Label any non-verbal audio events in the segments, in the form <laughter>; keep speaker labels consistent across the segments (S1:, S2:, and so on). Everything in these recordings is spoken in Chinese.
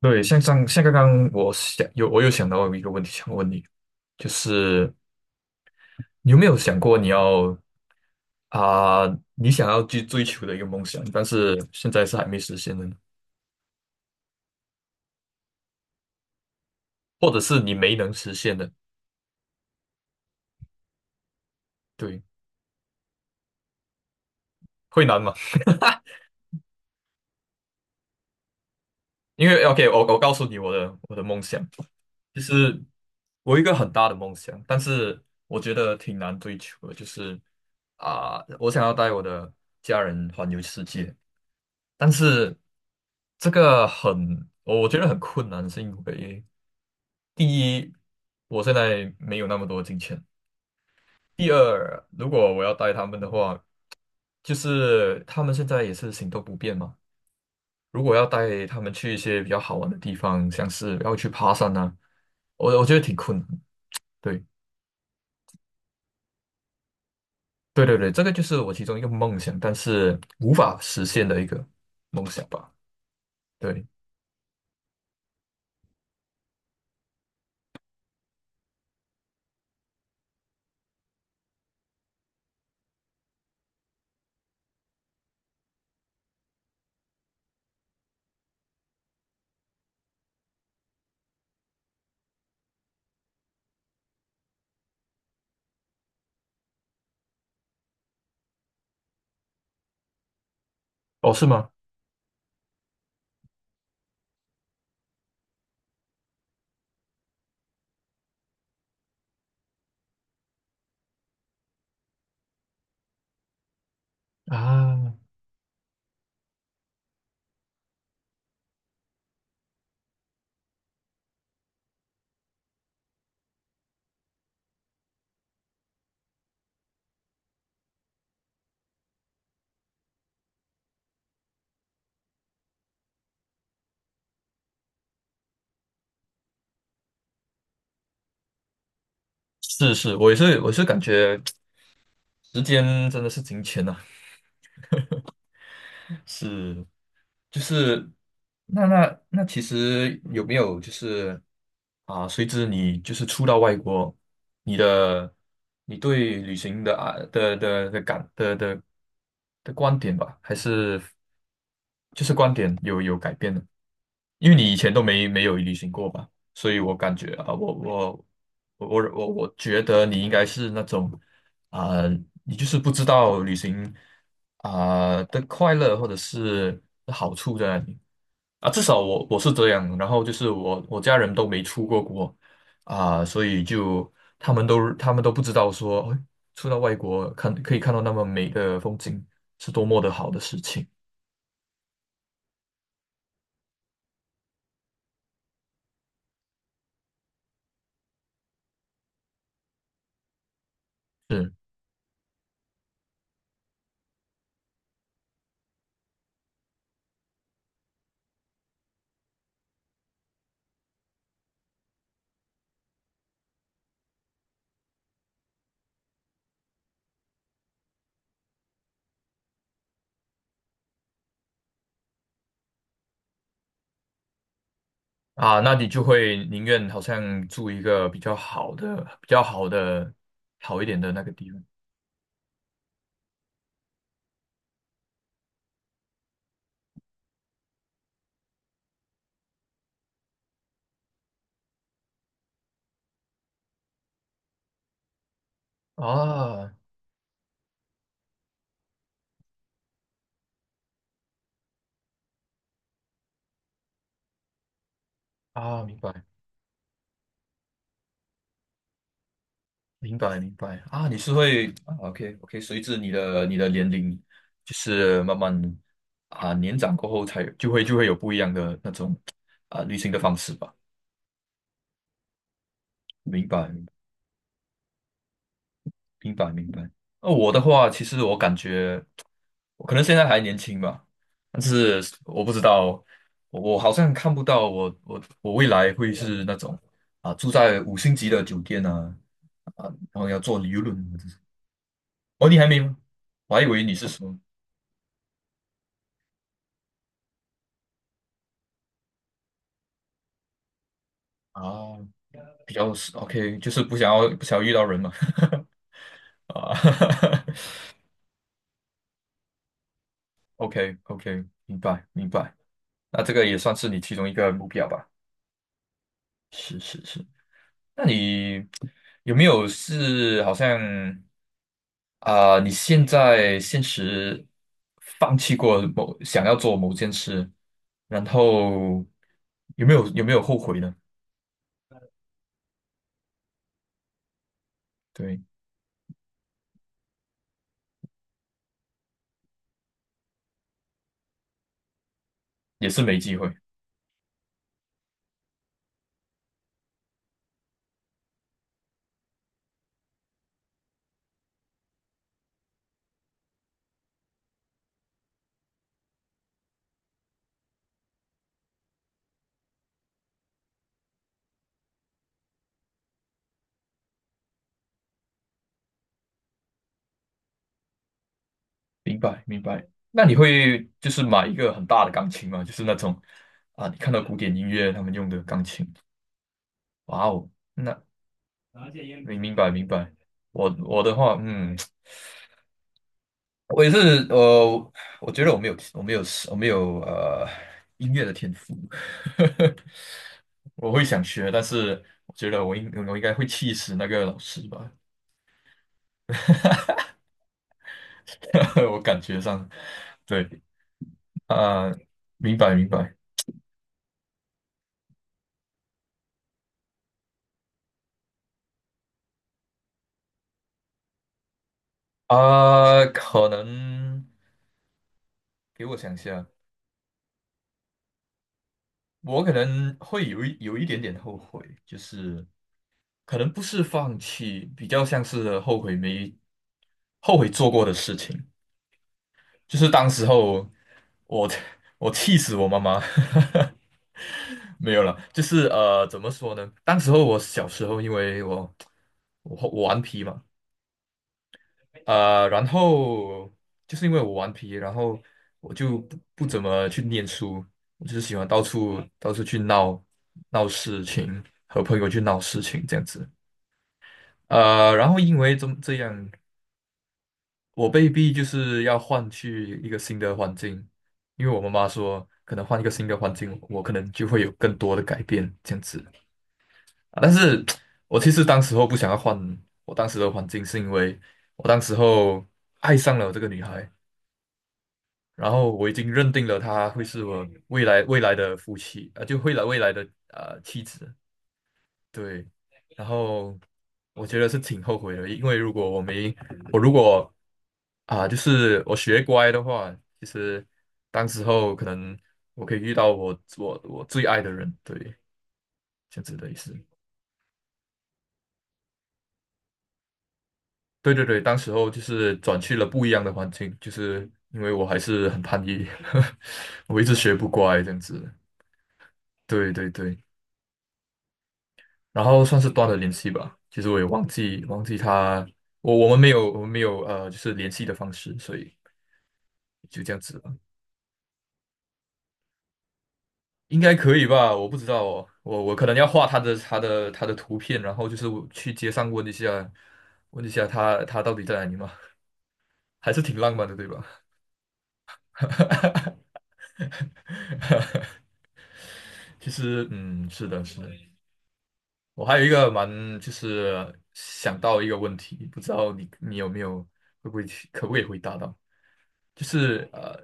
S1: 对，像刚刚我有想到一个问题想问你，就是你有没有想过啊、你想要去追求的一个梦想，但是现在是还没实现的呢？或者是你没能实现的？对，会难吗？因为 OK，我告诉你我的梦想，就是我有一个很大的梦想，但是我觉得挺难追求的，就是我想要带我的家人环游世界，但是这个很，我觉得很困难，是因为第一，我现在没有那么多金钱；第二，如果我要带他们的话，就是他们现在也是行动不便嘛。如果要带他们去一些比较好玩的地方，像是要去爬山啊，我觉得挺困难。对，对对对，这个就是我其中一个梦想，但是无法实现的一个梦想吧。对，哦，是吗？啊，是是，我也是，我是感觉。时间真的是金钱呐、<laughs> 是，就是那其实有没有就是随之你就是出到外国，你的你对旅行的啊的的的感的的的观点吧？还是就是观点有改变呢？因为你以前都没有旅行过吧，所以我感觉啊，我觉得你应该是那种啊，你就是不知道旅行的快乐或者是好处在哪里啊？至少我是这样，然后就是我家人都没出过国啊、所以就他们都不知道说，哎出到外国可以看到那么美的风景是多么的好的事情，是啊，那你就会宁愿好像住一个比较好的、比较好的、好一点的那个地方啊啊，明白。明白明白啊，你是会啊，OK OK，随着你的年龄，就是慢慢啊年长过后才就会有不一样的那种旅行的方式吧。明白明白明白。那我的话，其实我感觉我可能现在还年轻吧，但是我不知道，我好像看不到我未来会是那种住在五星级的酒店啊啊，然后要坐游轮。哦，你还没吗？我还以为你是说啊。比较是 OK，就是不想要遇到人嘛。<laughs> 啊 <laughs>，OK OK，明白明白。那这个也算是你其中一个目标吧？是是是。那你有没有是好像啊、你现在现实放弃过想要做某件事，然后有没有后悔呢？对，也是没机会。明白明白。那你会就是买一个很大的钢琴吗？就是那种你看到古典音乐他们用的钢琴。哇哦，那明白明白。我的话，我也是，呃，我觉得我没有音乐的天赋，<laughs> 我会想学，但是我觉得我应该会气死那个老师吧，<laughs> 我感觉上，对，啊、明白明白。可能给我想一下，我可能会有一点点后悔，就是可能不是放弃，比较像是后悔没后悔做过的事情。就是当时候我 <laughs> 我气死我妈妈，<laughs> 没有了。就是怎么说呢？当时候我小时候，因为我顽皮嘛。然后就是因为我顽皮，然后我就不怎么去念书，我就是喜欢到处到处去闹事情，和朋友去闹事情这样子。然后因为这样，我被逼就是要换去一个新的环境，因为我妈妈说，可能换一个新的环境，我可能就会有更多的改变这样子啊。但是 <tsk> 我其实当时候不想要换我当时的环境，是因为我当时候爱上了这个女孩。然后我已经认定了她会是我未来的夫妻啊、呃就未来的妻子。对，然后我觉得是挺后悔的，因为如果我没我如果就是我学乖的话，其实当时候可能我可以遇到我最爱的人，对，这样子的意思。对对对，当时候就是转去了不一样的环境，就是因为我还是很叛逆，<laughs> 我一直学不乖这样子。对对对。然后算是断了联系吧。其实我也忘记他，我们没有就是联系的方式，所以就这样子了，应该可以吧？我不知道哦，我可能要画他的图片，然后就是我去街上问一下，问一下他到底在哪里嘛，还是挺浪漫的，对吧？<laughs> 其实是的，是的。我还有一个蛮，就是想到一个问题，不知道你有没有会不会去可不可以回答到？就是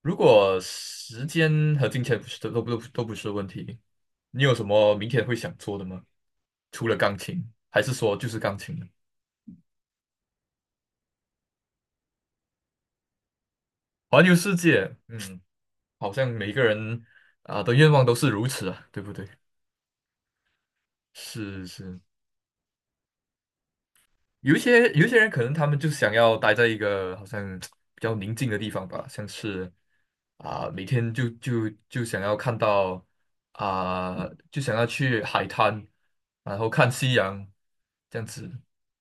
S1: 如果时间和金钱不是都都不都不是问题，你有什么明天会想做的吗？除了钢琴，还是说就是钢琴呢？环游世界，好像每个人的愿望都是如此啊，对不对？是是。有一些人可能他们就想要待在一个好像比较宁静的地方吧，像是每天就想要看到啊、就想要去海滩，然后看夕阳这样子。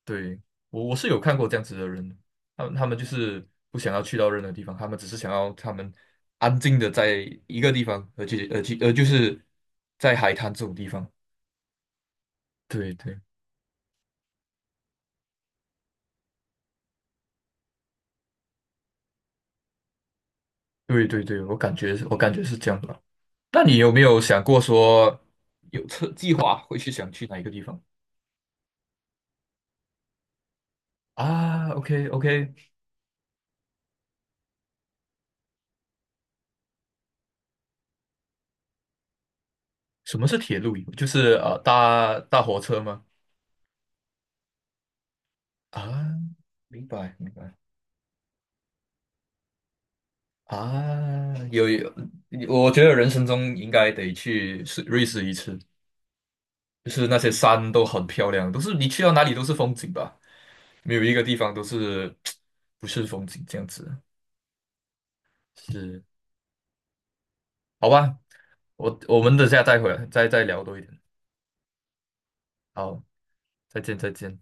S1: 对，我是有看过这样子的人，他们就是不想要去到任何地方，他们只是想要他们安静的在一个地方，而且就是在海滩这种地方。对对对对对，我感觉是这样吧。那你有没有想过说有车计划想去哪一个地方？啊？OK OK，什么是铁路游？就是搭火车吗？啊，明白明白啊，有有，我觉得人生中应该得去瑞士一次，就是那些山都很漂亮，都是你去到哪里都是风景吧，没有一个地方都是 <tsk> 不是风景这样子。是，好吧，我们等下再回来再聊多一点。好，再见再见。